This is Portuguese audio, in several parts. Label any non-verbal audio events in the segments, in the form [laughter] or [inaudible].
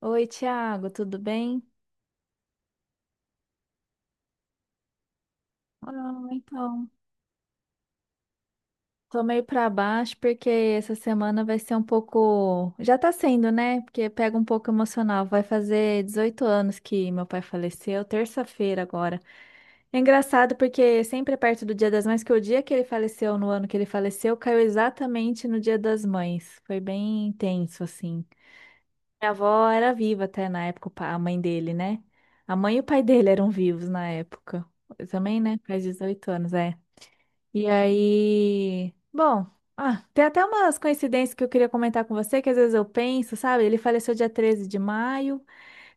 Oi, Thiago, tudo bem? Ah, então, tô meio pra baixo porque essa semana vai ser um pouco. Já tá sendo, né? Porque pega um pouco emocional. Vai fazer 18 anos que meu pai faleceu, terça-feira agora. É engraçado porque sempre é perto do Dia das Mães, que o dia que ele faleceu, no ano que ele faleceu, caiu exatamente no Dia das Mães. Foi bem intenso, assim. Minha avó era viva até na época, a mãe dele, né? A mãe e o pai dele eram vivos na época. Eu também, né? Faz 18 anos, é. E aí, bom, ah, tem até umas coincidências que eu queria comentar com você, que às vezes eu penso, sabe? Ele faleceu dia 13 de maio.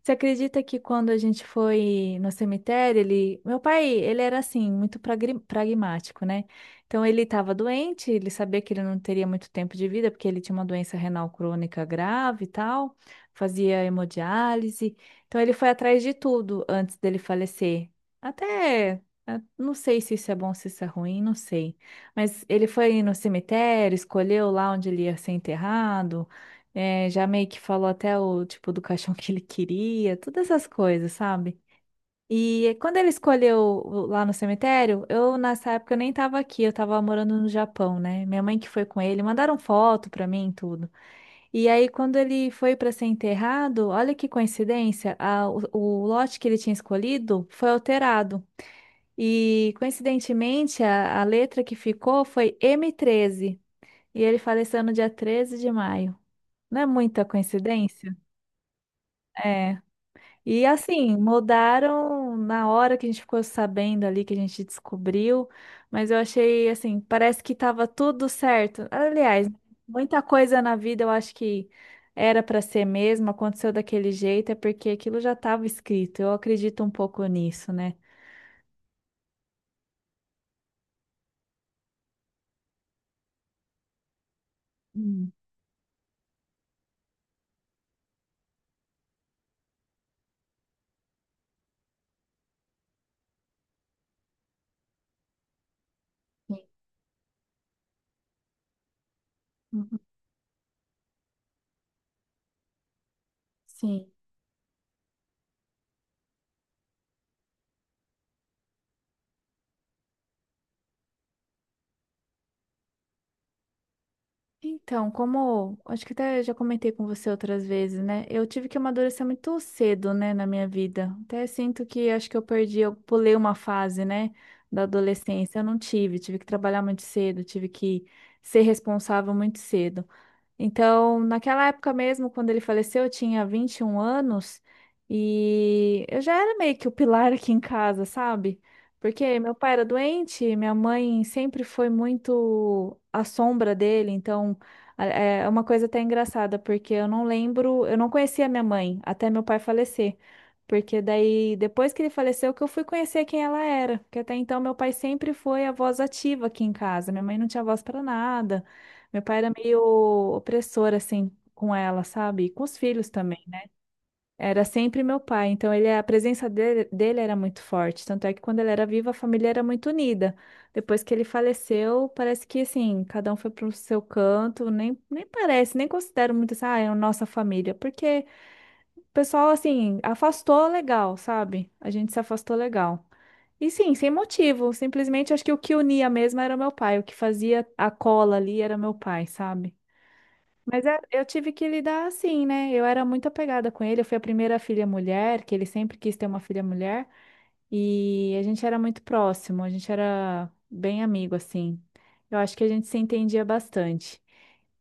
Você acredita que quando a gente foi no cemitério, ele, meu pai, ele era assim, muito pragmático, né? Então ele estava doente, ele sabia que ele não teria muito tempo de vida, porque ele tinha uma doença renal crônica grave e tal, fazia hemodiálise. Então ele foi atrás de tudo antes dele falecer. Até, não sei se isso é bom, se isso é ruim, não sei. Mas ele foi no cemitério, escolheu lá onde ele ia ser enterrado. É, já meio que falou até o tipo do caixão [laughs] que ele queria, todas essas coisas, sabe? E quando ele escolheu lá no cemitério, eu nessa época eu nem tava aqui, eu tava morando no Japão, né? Minha mãe que foi com ele, mandaram foto pra mim, e tudo. E aí quando ele foi pra ser enterrado, olha que coincidência, o lote que ele tinha escolhido foi alterado. E coincidentemente a letra que ficou foi M13. E ele faleceu no dia 13 de maio. Não é muita coincidência? É. E assim, mudaram na hora que a gente ficou sabendo ali, que a gente descobriu, mas eu achei assim, parece que estava tudo certo. Aliás, muita coisa na vida eu acho que era para ser mesmo, aconteceu daquele jeito, é porque aquilo já estava escrito. Eu acredito um pouco nisso, né? Hum, sim. Uhum. Sim. Então, como acho que até já comentei com você outras vezes, né? Eu tive que amadurecer muito cedo, né, na minha vida. Até sinto que acho que eu perdi, eu pulei uma fase, né, da adolescência. Eu não tive, tive que trabalhar muito cedo, tive que ser responsável muito cedo. Então, naquela época mesmo, quando ele faleceu, eu tinha 21 anos e eu já era meio que o pilar aqui em casa, sabe? Porque meu pai era doente, minha mãe sempre foi muito a sombra dele, então é uma coisa até engraçada, porque eu não lembro, eu não conhecia minha mãe até meu pai falecer. Porque daí, depois que ele faleceu, que eu fui conhecer quem ela era. Porque até então meu pai sempre foi a voz ativa aqui em casa. Minha mãe não tinha voz para nada. Meu pai era meio opressor, assim, com ela, sabe? E com os filhos também. Era sempre meu pai, então ele, a presença dele era muito forte. Tanto é que quando ele era vivo, a família era muito unida. Depois que ele faleceu, parece que, assim, cada um foi pro seu canto. Nem parece, nem considero muito assim, ah, é a nossa família. Porque o pessoal, assim, afastou legal, sabe? A gente se afastou legal. E sim, sem motivo. Simplesmente acho que o que unia mesmo era meu pai. O que fazia a cola ali era meu pai, sabe? Mas eu tive que lidar assim, né? Eu era muito apegada com ele. Eu fui a primeira filha mulher, que ele sempre quis ter uma filha mulher. E a gente era muito próximo, a gente era bem amigo, assim. Eu acho que a gente se entendia bastante.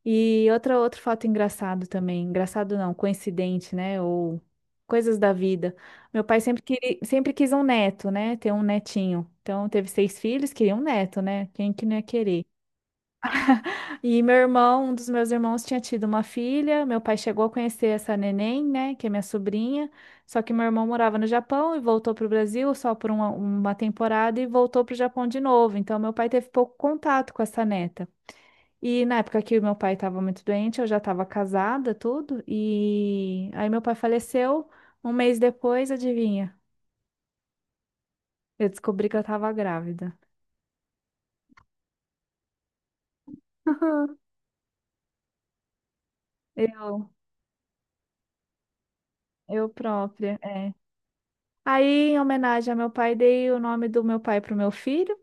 E outra, outro fato engraçado também. Engraçado não, coincidente, né? Ou coisas da vida. Meu pai sempre, queria, sempre quis um neto, né? Ter um netinho. Então teve seis filhos, queria um neto, né? Quem que não ia querer? E meu irmão, um dos meus irmãos tinha tido uma filha. Meu pai chegou a conhecer essa neném, né, que é minha sobrinha. Só que meu irmão morava no Japão e voltou para o Brasil só por uma temporada e voltou para o Japão de novo. Então meu pai teve pouco contato com essa neta. E na época que o meu pai estava muito doente, eu já estava casada, tudo. E aí meu pai faleceu. Um mês depois, adivinha? Eu descobri que eu estava grávida. [laughs] Eu, eu própria. É. Aí, em homenagem ao meu pai, dei o nome do meu pai para o meu filho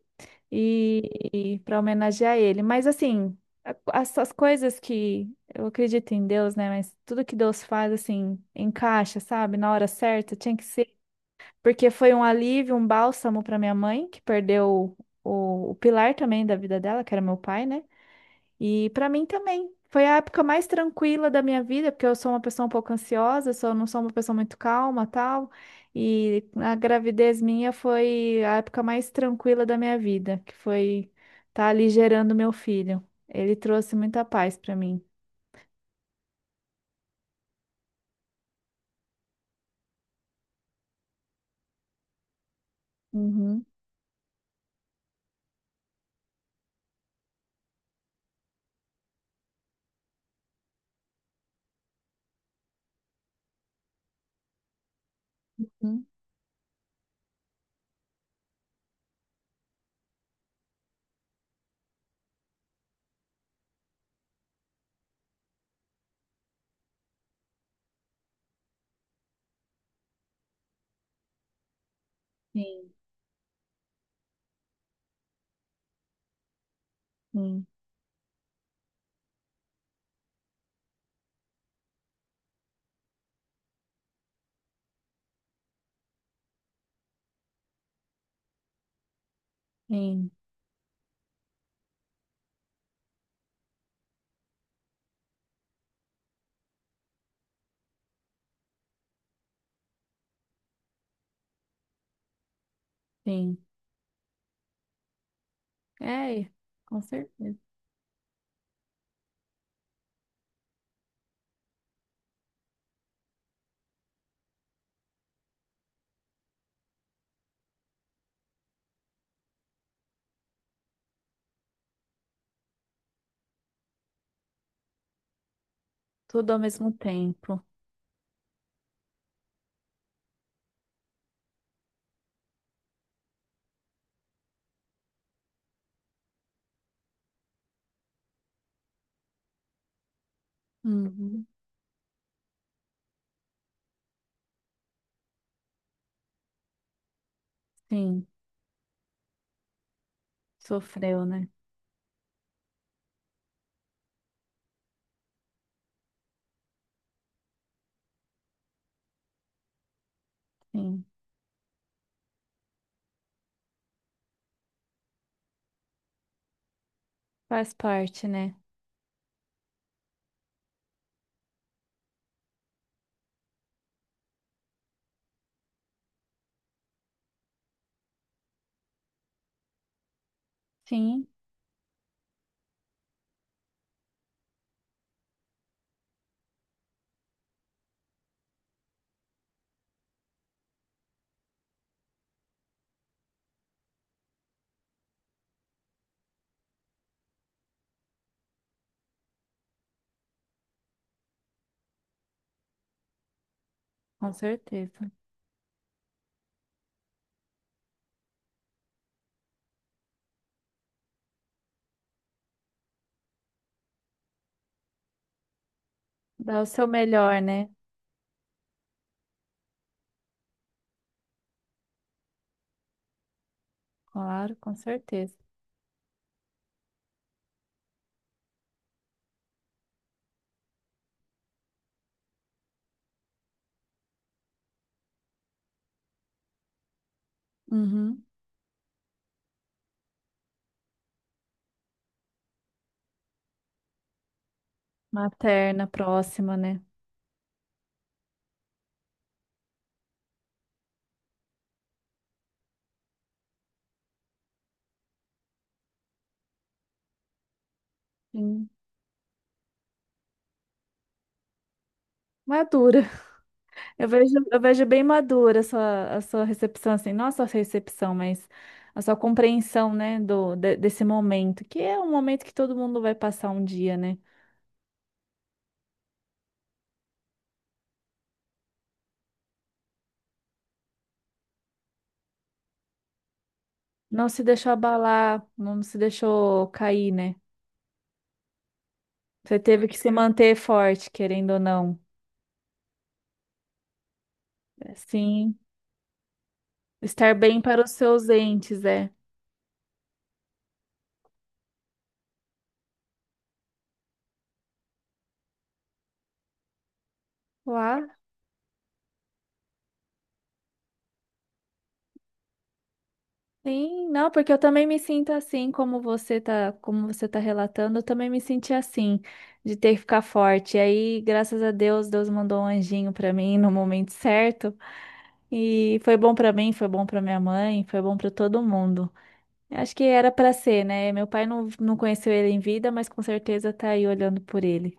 e, e para homenagear ele. Mas assim, as coisas que eu acredito em Deus, né? Mas tudo que Deus faz, assim, encaixa, sabe? Na hora certa, tinha que ser. Porque foi um alívio, um bálsamo para minha mãe, que perdeu o pilar também da vida dela, que era meu pai, né? E para mim também. Foi a época mais tranquila da minha vida, porque eu sou uma pessoa um pouco ansiosa, sou, não sou uma pessoa muito calma, tal. E a gravidez minha foi a época mais tranquila da minha vida, que foi estar ali gerando meu filho. Ele trouxe muita paz para mim. Uhum, uhum. Sim, sim, sim, sim. É, com certeza. Tudo ao mesmo tempo. Uhum, sim, sofreu, né? Sim, faz parte, né? Sim, com certeza. Dá o seu melhor, né? Claro, com certeza. Uhum. Materna, próxima, né? Sim. Madura. Eu vejo bem madura a sua recepção, assim, não a sua recepção, mas a sua compreensão, né, desse momento, que é um momento que todo mundo vai passar um dia, né? Não se deixou abalar, não se deixou cair, né? Você teve que se manter forte, querendo ou não. É, sim, estar bem para os seus entes, é. Claro. Sim, não, porque eu também me sinto assim, como você tá relatando, eu também me senti assim, de ter que ficar forte. E aí, graças a Deus, Deus mandou um anjinho pra mim no momento certo, e foi bom pra mim, foi bom pra minha mãe, foi bom pra todo mundo. Eu acho que era pra ser, né? Meu pai não, não conheceu ele em vida, mas com certeza tá aí olhando por ele.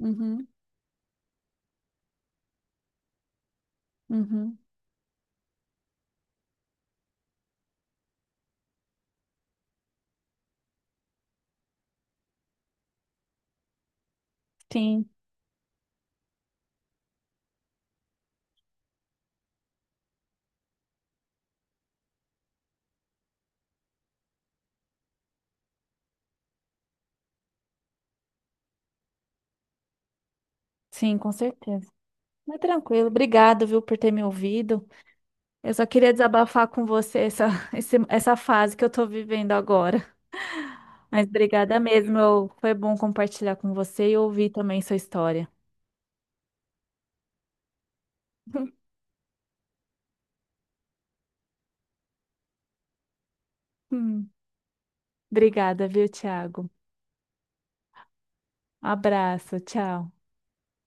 Uhum, uhum. Sim, sim, com certeza. Mas tranquilo, obrigado, viu, por ter me ouvido. Eu só queria desabafar com você essa, [laughs] essa fase que eu tô vivendo agora. Mas obrigada mesmo, foi bom compartilhar com você e ouvir também sua história. [laughs] Hum, obrigada, viu, Thiago? Abraço, tchau.